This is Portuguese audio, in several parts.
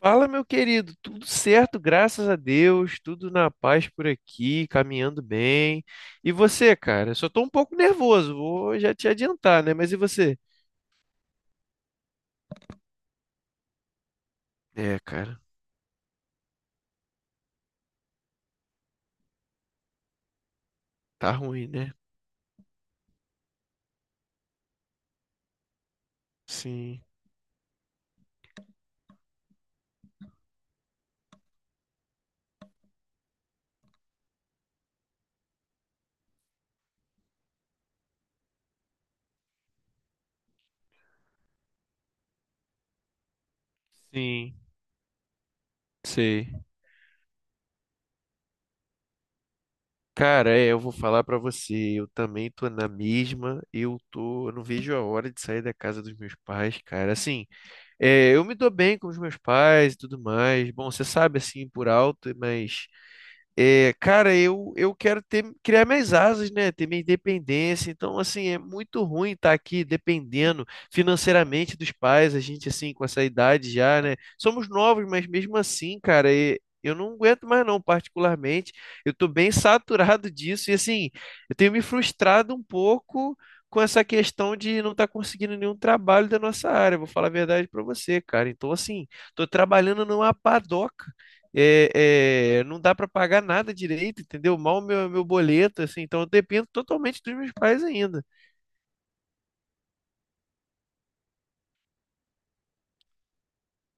Fala, meu querido, tudo certo, graças a Deus, tudo na paz por aqui, caminhando bem. E você, cara? Só tô um pouco nervoso, vou já te adiantar, né? Mas e você? É, cara, tá ruim, né? Sim, sim, sei. Cara, eu vou falar pra você, eu também tô na mesma, eu não vejo a hora de sair da casa dos meus pais, cara. Assim, eu me dou bem com os meus pais e tudo mais. Bom, você sabe assim por alto, mas eu quero ter, criar minhas asas, né? Ter minha independência. Então, assim, é muito ruim estar aqui dependendo financeiramente dos pais, a gente, assim, com essa idade já, né? Somos novos, mas mesmo assim, cara, eu não aguento mais, não, particularmente. Eu tô bem saturado disso e, assim, eu tenho me frustrado um pouco com essa questão de não estar conseguindo nenhum trabalho da nossa área. Vou falar a verdade pra você, cara. Então, assim, tô trabalhando numa padoca. Não dá para pagar nada direito, entendeu? Mal meu, meu boleto, assim, então eu dependo totalmente dos meus pais ainda.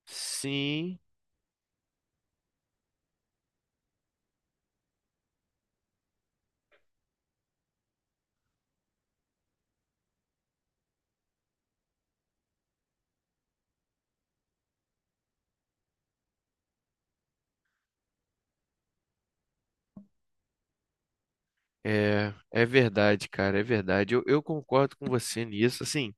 Sim, é, é verdade, cara, é verdade. Eu concordo com você nisso, assim.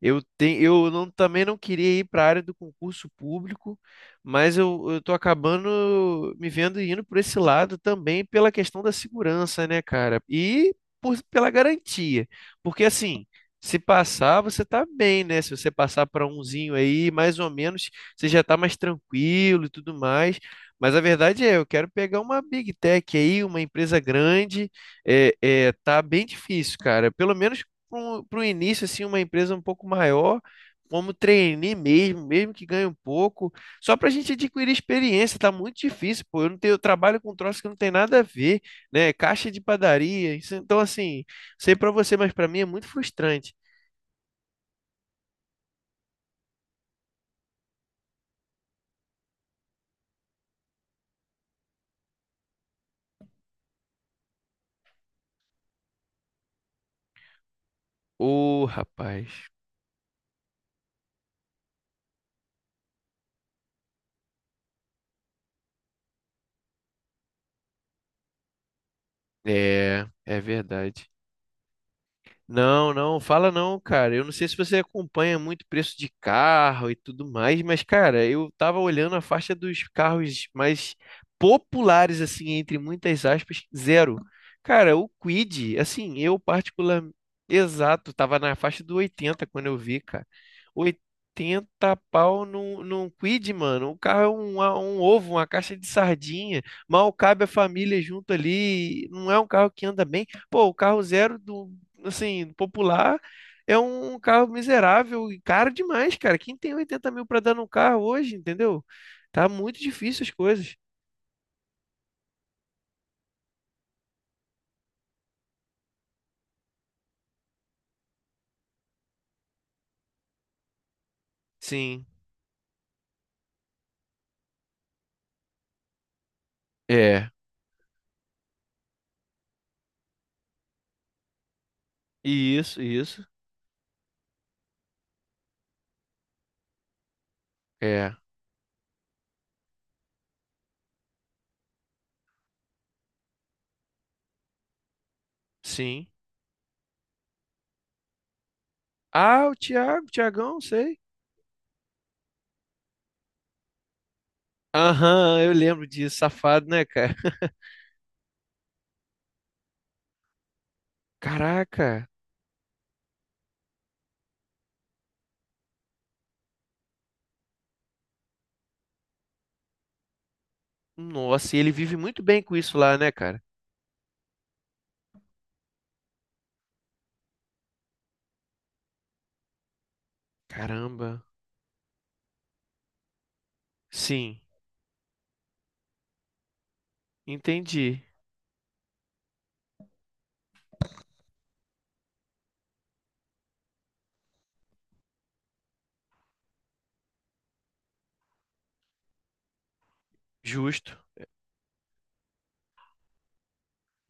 Eu, te, eu não, também não queria ir para a área do concurso público, mas eu tô acabando me vendo indo por esse lado também pela questão da segurança, né, cara? E pela garantia. Porque assim, se passar, você tá bem, né? Se você passar para umzinho aí, mais ou menos, você já tá mais tranquilo e tudo mais. Mas a verdade é, eu quero pegar uma Big Tech aí, uma empresa grande. Tá bem difícil, cara. Pelo menos para o início, assim, uma empresa um pouco maior, como trainee mesmo, mesmo que ganhe um pouco, só para a gente adquirir experiência, tá muito difícil, pô. Eu não tenho, eu trabalho com troço que não tem nada a ver, né? Caixa de padaria, então assim, sei para você, mas para mim é muito frustrante. Ô, rapaz, é, é verdade. Não, não, fala não, cara. Eu não sei se você acompanha muito preço de carro e tudo mais, mas, cara, eu tava olhando a faixa dos carros mais populares, assim, entre muitas aspas, zero. Cara, o Kwid, assim, eu particular, exato, tava na faixa do 80 quando eu vi, cara. 80 pau num Kwid, mano. O carro é um ovo, uma caixa de sardinha. Mal cabe a família junto ali. Não é um carro que anda bem. Pô, o carro zero do assim, popular, é um carro miserável e caro demais, cara. Quem tem 80 mil para dar num carro hoje, entendeu? Tá muito difícil as coisas. Sim, é. Isso, isso. É, sim. Ah, o Thiago, Thiagão, sei. Aham, eu lembro disso, safado, né, cara? Caraca, nossa, e ele vive muito bem com isso lá, né, cara? Caramba, sim, entendi, justo.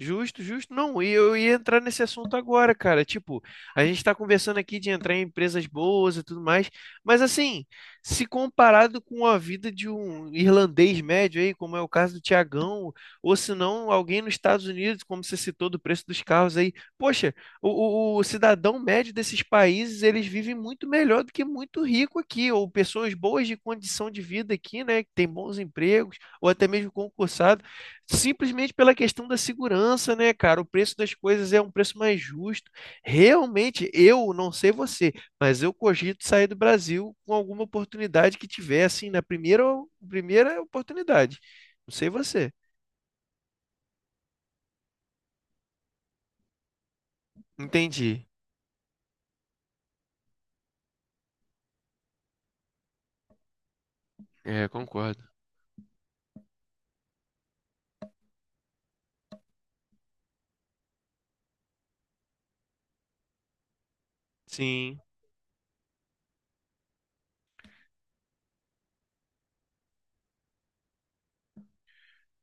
Justo, justo. Não, e eu ia entrar nesse assunto agora, cara. Tipo, a gente está conversando aqui de entrar em empresas boas e tudo mais, mas assim, se comparado com a vida de um irlandês médio aí, como é o caso do Tiagão, ou se não, alguém nos Estados Unidos, como você citou do preço dos carros aí, poxa, o cidadão médio desses países, eles vivem muito melhor do que muito rico aqui, ou pessoas boas de condição de vida aqui, né, que tem bons empregos, ou até mesmo concursados. Simplesmente pela questão da segurança, né, cara? O preço das coisas é um preço mais justo. Realmente, eu não sei você, mas eu cogito sair do Brasil com alguma oportunidade que tiver, assim, na primeira oportunidade. Não sei você. Entendi. É, concordo. Sim,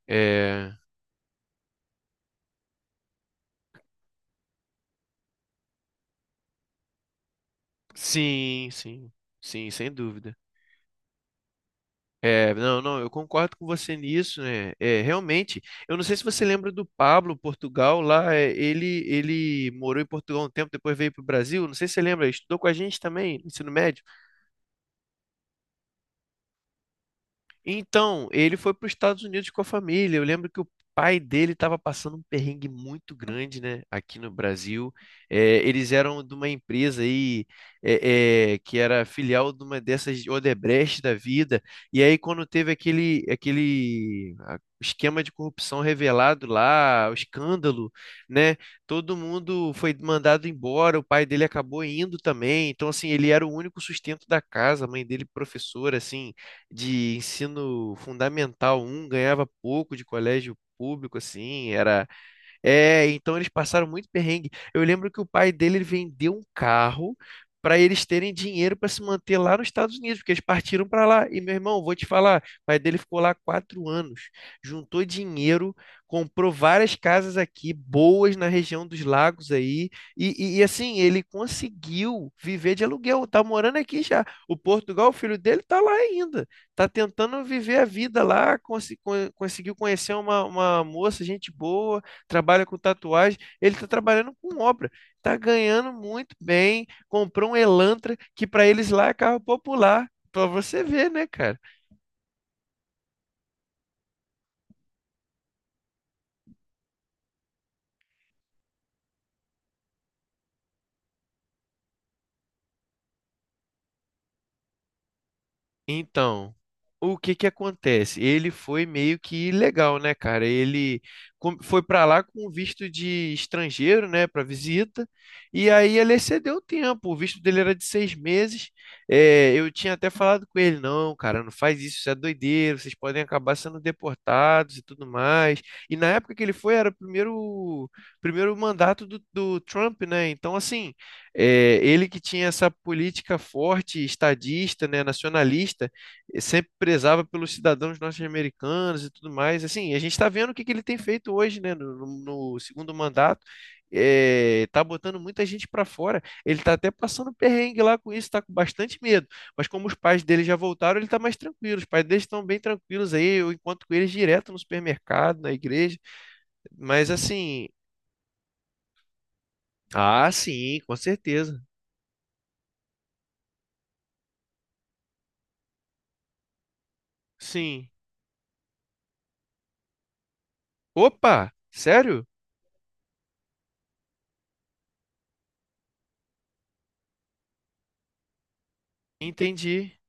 é, sim, sim, sim, sem dúvida. É, não, não, eu concordo com você nisso, né? É, realmente, eu não sei se você lembra do Pablo, Portugal, lá, é, ele morou em Portugal um tempo, depois veio para o Brasil, não sei se você lembra, ele estudou com a gente também, no ensino médio. Então, ele foi para os Estados Unidos com a família. Eu lembro que o pai dele estava passando um perrengue muito grande, né, aqui no Brasil. É, eles eram de uma empresa aí que era filial de uma dessas Odebrecht da vida. E aí, quando teve esquema de corrupção revelado lá, o escândalo, né, todo mundo foi mandado embora. O pai dele acabou indo também. Então, assim, ele era o único sustento da casa. A mãe dele, professora, assim de ensino fundamental um ganhava pouco de colégio público, assim, era é, então eles passaram muito perrengue. Eu lembro que o pai dele ele vendeu um carro para eles terem dinheiro para se manter lá nos Estados Unidos, porque eles partiram para lá. E meu irmão, vou te falar, o pai dele ficou lá 4 anos, juntou dinheiro, comprou várias casas aqui boas na região dos lagos aí, assim ele conseguiu viver de aluguel. Tá morando aqui já. O Portugal, o filho dele, tá lá ainda tá tentando viver a vida lá, conseguiu conhecer uma moça, gente boa, trabalha com tatuagem, ele está trabalhando com obra, está ganhando muito bem, comprou um Elantra que para eles lá é carro popular, para você ver, né, cara? Então, o que que acontece? Ele foi meio que ilegal, né, cara? Ele foi para lá com visto de estrangeiro, né, para visita, e aí ele excedeu o tempo. O visto dele era de 6 meses. É, eu tinha até falado com ele, não, cara, não faz isso, isso é doideira, vocês podem acabar sendo deportados e tudo mais. E na época que ele foi, era o primeiro mandato do Trump, né? Então, assim. É, ele que tinha essa política forte, estadista, né, nacionalista, sempre prezava pelos cidadãos norte-americanos e tudo mais. Assim, a gente está vendo que ele tem feito hoje, né, no segundo mandato. Tá botando muita gente para fora. Ele tá até passando perrengue lá com isso, tá com bastante medo. Mas como os pais dele já voltaram, ele tá mais tranquilo. Os pais dele estão bem tranquilos aí. Eu encontro com eles direto no supermercado, na igreja. Mas assim, ah, sim, com certeza. Sim. Opa, sério? Entendi.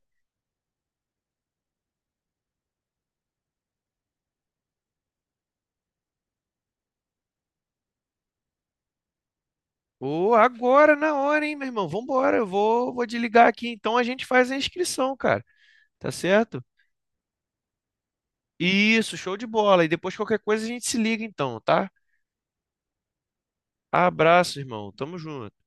Ô, agora na hora, hein, meu irmão? Vambora, vou desligar aqui. Então a gente faz a inscrição, cara. Tá certo? Isso, show de bola. E depois qualquer coisa a gente se liga, então, tá? Abraço, irmão. Tamo junto.